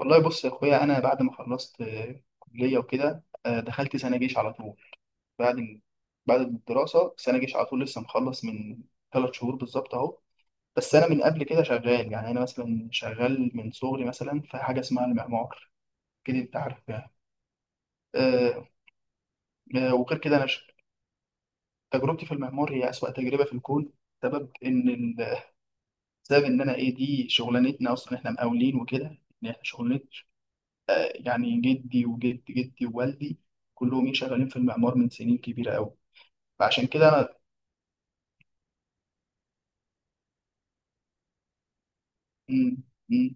والله بص يا اخويا، انا بعد ما خلصت كليه وكده دخلت سنه جيش على طول. بعد بعد الدراسه سنه جيش على طول. لسه مخلص من ثلاث شهور بالظبط اهو. بس انا من قبل كده شغال، يعني انا مثلا شغال من صغري، مثلا في حاجه اسمها المعمار كده، انت عارف يعني. آه، وغير كده تجربتي في المعمار هي اسوأ تجربه في الكون. بسبب ان ال- بسبب ان انا ايه، دي شغلانتنا اصلا، احنا مقاولين وكده، ان احنا شغلانه. يعني جدي وجد جدي ووالدي كلهم ايه شغالين في المعمار من سنين كبيرة قوي. فعشان كده انا. مم، مم،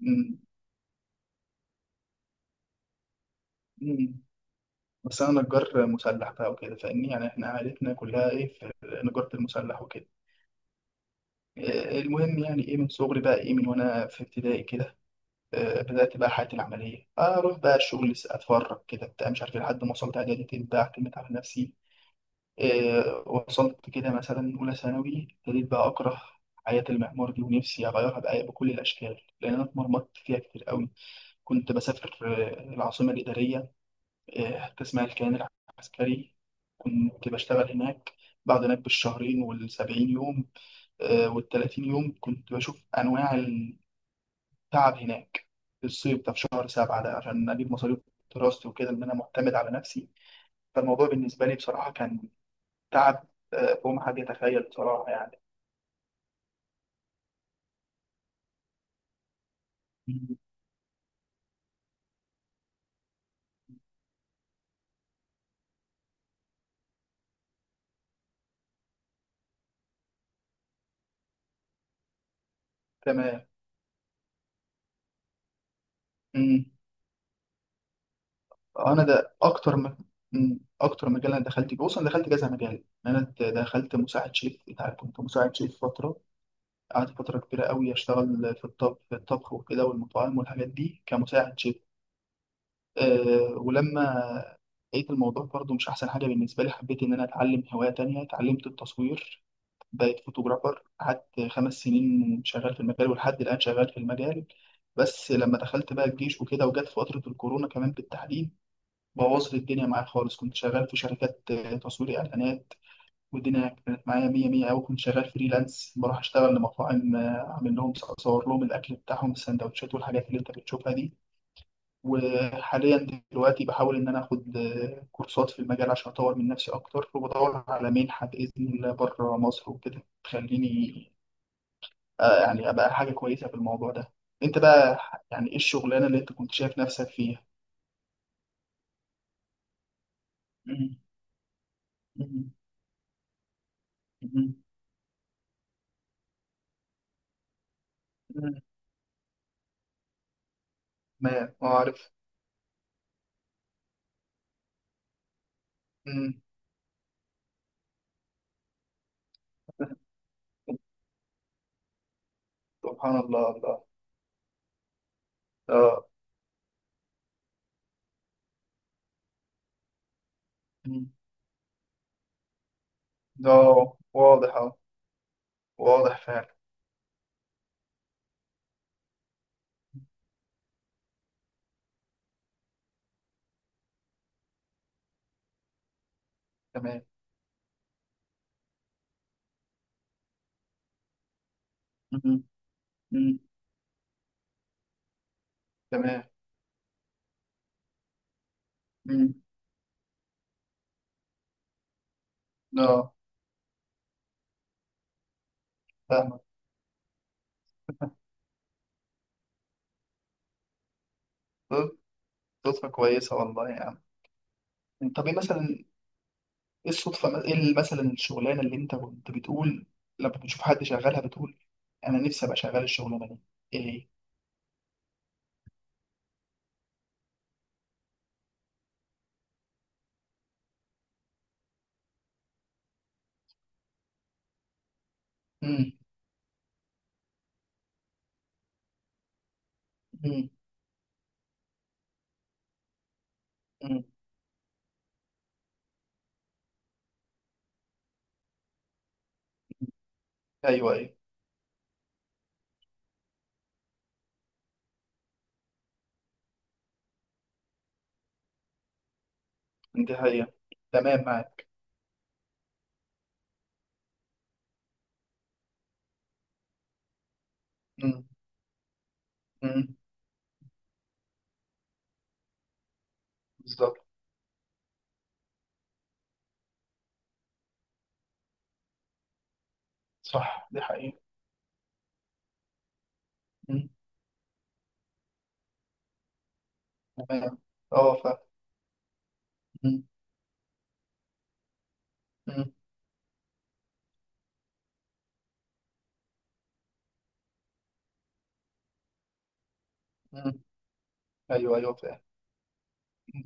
مم، مم. بس انا نجار مسلح بقى وكده فاهمني، يعني احنا عائلتنا كلها ايه في نجارة المسلح وكده. المهم، يعني ايه، من صغري بقى، ايه من وانا في ابتدائي كده، بدأت بقى حياتي العملية، اروح بقى الشغل اتفرج كده بتاع مش عارف إيه، لحد ما وصلت اعدادي بقى اعتمد على نفسي. وصلت كده مثلا أولى ثانوي، ابتديت بقى أكره حياة المعمار دي، ونفسي أغيرها بأي بكل الأشكال، لأن أنا اتمرمطت فيها كتير قوي. كنت بسافر العاصمة الإدارية، تسمع الكيان العسكري، كنت بشتغل هناك. بعد هناك بالشهرين والسبعين يوم والتلاتين يوم كنت بشوف أنواع التعب هناك، في الصيف ده، في شهر سبعة ده، عشان أجيب مصاريف دراستي وكده، إن أنا معتمد على نفسي. فالموضوع بالنسبة لي بصراحة كان تعب فوق ما حد يتخيل بصراحة يعني. مم. تمام. مم. أنا ده أكتر م... مم. أكتر مجال أنا دخلت فيه، بص أنا دخلت كذا مجال، دخلت مساعد شيف، أنت عارف، كنت مساعد شيف فترة. قعدت فترة كبيرة قوي أشتغل في الطب، في الطبخ وكده والمطاعم والحاجات دي كمساعد شيف. ولما لقيت الموضوع برضه مش أحسن حاجة بالنسبة لي، حبيت إن أنا أتعلم هواية تانية، اتعلمت التصوير. بقيت فوتوغرافر، قعدت خمس سنين شغال في المجال، ولحد الآن شغال في المجال. بس لما دخلت بقى الجيش وكده، وجت فترة الكورونا كمان بالتحديد، بوظت الدنيا معايا خالص. كنت شغال في شركات تصوير إعلانات، والدنيا كانت معايا مية مية أوي. كنت شغال فريلانس، بروح أشتغل لمطاعم، أعمل لهم، أصور لهم الأكل بتاعهم، السندوتشات والحاجات اللي أنت بتشوفها دي. وحاليا دلوقتي بحاول إن أنا آخد كورسات في المجال عشان أطور من نفسي أكتر، وبدور على منحة بإذن الله بره مصر وكده تخليني يعني ابقى حاجه كويسه في الموضوع ده. انت بقى، يعني ايه الشغلانه اللي انت كنت شايف نفسك فيها؟ مم. مم. مم. مم. ما اعرف. مم. سبحان الله الله. اه. مم. ده واضح اه. واضح فعلا. تمام. مم. مم. تمام. مم. اه، فاهمك. صد- صدفه كويسه والله يعني. طب ايه مثلا، ايه الصدفه، ايه مثلا الشغلانه اللي انت كنت بتقول لما بتشوف حد شغالها بتقول انا نفسي ابقى شغال الشغلانه دي، ايه هي؟ مم. مم. مم. ايوه ايوه، دي حقيقة، تمام معاك. مم. مم. بالظبط. صح، دي حقيقة. مم. تمام. اه، فاهم. مم. مم. مم. ايوه ايوه فاهم.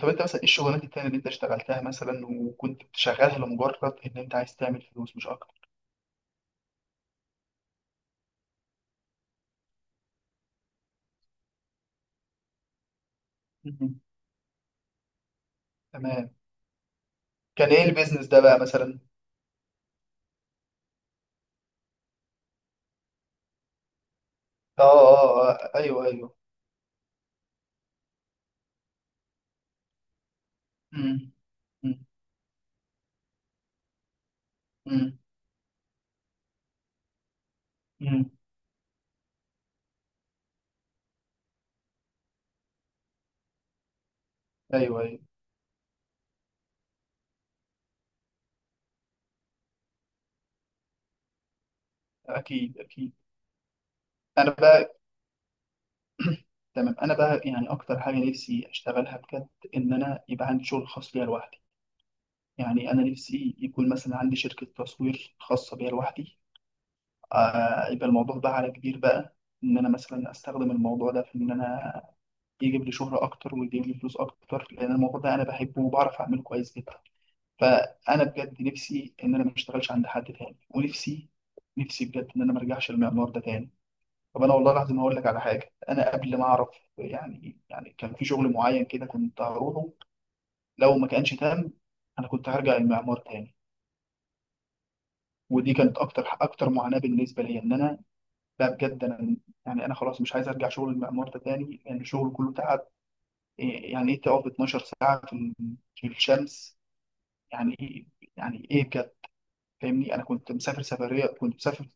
طب انت مثلا ايه الشغلانات التانية اللي انت اشتغلتها مثلا، وكنت بتشغلها لمجرد ان انت عايز تعمل فلوس مش اكتر؟ مم. تمام. كان ايه البيزنس ده بقى مثلا؟ اه اه، ايوه ايوه. مم. مم. مم. مم. ايوه ايوه، اكيد اكيد. انا بقى تمام. انا بقى يعني، اكتر حاجه نفسي اشتغلها بجد، ان انا يبقى عندي شغل خاص ليا لوحدي. يعني انا نفسي يكون مثلا عندي شركه تصوير خاصه بيا لوحدي. يبقى الموضوع بقى على كبير بقى، ان انا مثلا استخدم الموضوع ده في ان انا يجيب لي شهره اكتر ويجيب لي فلوس اكتر، لان الموضوع ده انا بحبه وبعرف اعمله كويس جدا. فانا بجد نفسي ان انا ما اشتغلش عند حد تاني، ونفسي بجد، ان انا ما ارجعش للمعمار ده تاني. طب انا والله العظيم هقول لك على حاجه، انا قبل ما اعرف يعني كان في شغل معين كده كنت هروحه، لو ما كانش تام انا كنت هرجع المعمار تاني. ودي كانت اكتر اكتر معاناه بالنسبه لي، ان انا، لا بجد انا يعني، انا خلاص مش عايز ارجع شغل المعمار ده تاني، لان يعني الشغل كله تعب. إيه يعني ايه تقف 12 ساعه في في الشمس؟ يعني ايه، يعني ايه بجد. فاهمني، انا كنت مسافر سفريه،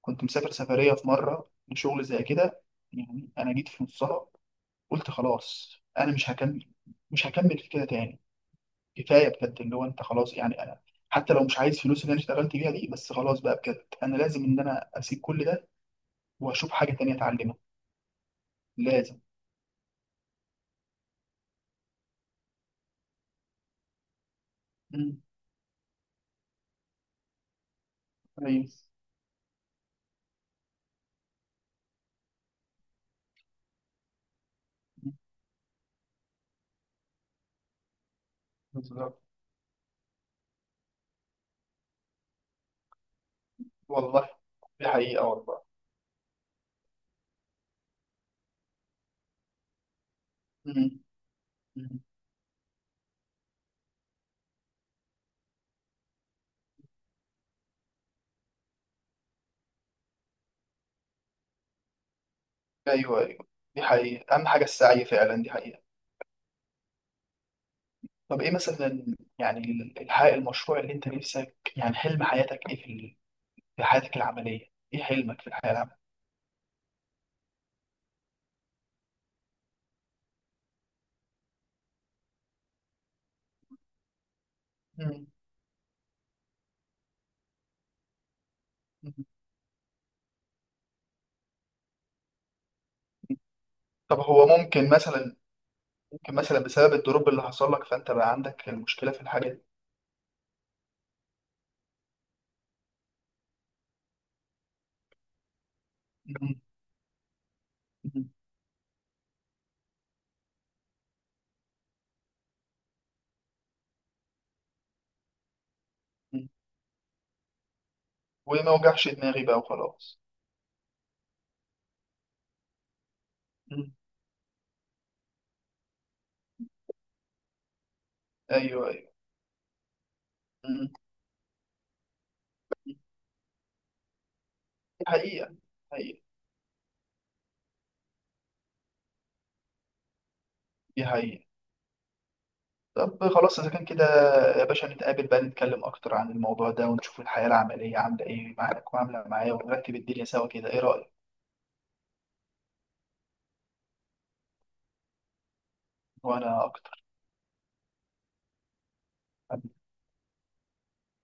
كنت مسافر سفريه في مره لشغل زي كده، يعني انا جيت في نصها قلت خلاص انا مش هكمل، مش هكمل في كده تاني، كفايه بجد اللي هو، انت خلاص يعني انا، حتى لو مش عايز فلوس اللي انا اشتغلت بيها دي، بس خلاص بقى بجد انا لازم ان انا اسيب كل ده، واشوف حاجه تانية اتعلمها. لازم. امم، ايوه. مم. بالظبط والله. دي حقيقه والله. امم أمم. ايوه ايوه، دي حقيقه، اهم حاجه السعي فعلا، دي حقيقه. طب ايه مثلا يعني الحقيقة، المشروع اللي انت نفسك، يعني حلم حياتك ايه في في حياتك العمليه؟ ايه حلمك في الحياه العمليه؟ امم طب هو ممكن مثلا، ممكن مثلا بسبب الدروب اللي حصل لك، فانت بقى عندك المشكله في الحاجه دي؟ مم. مم. مم. وما وجعش دماغي بقى وخلاص. مم. ايوه ايوه. مم. دي حقيقه، حقيقه. دي حقيقه. طب خلاص اذا كان كده يا باشا، نتقابل بقى نتكلم اكتر عن الموضوع ده، ونشوف الحياه العمليه عامله ايه معاك وعامله معايا، ونرتب الدنيا سوا كده، ايه رايك؟ وانا اكتر.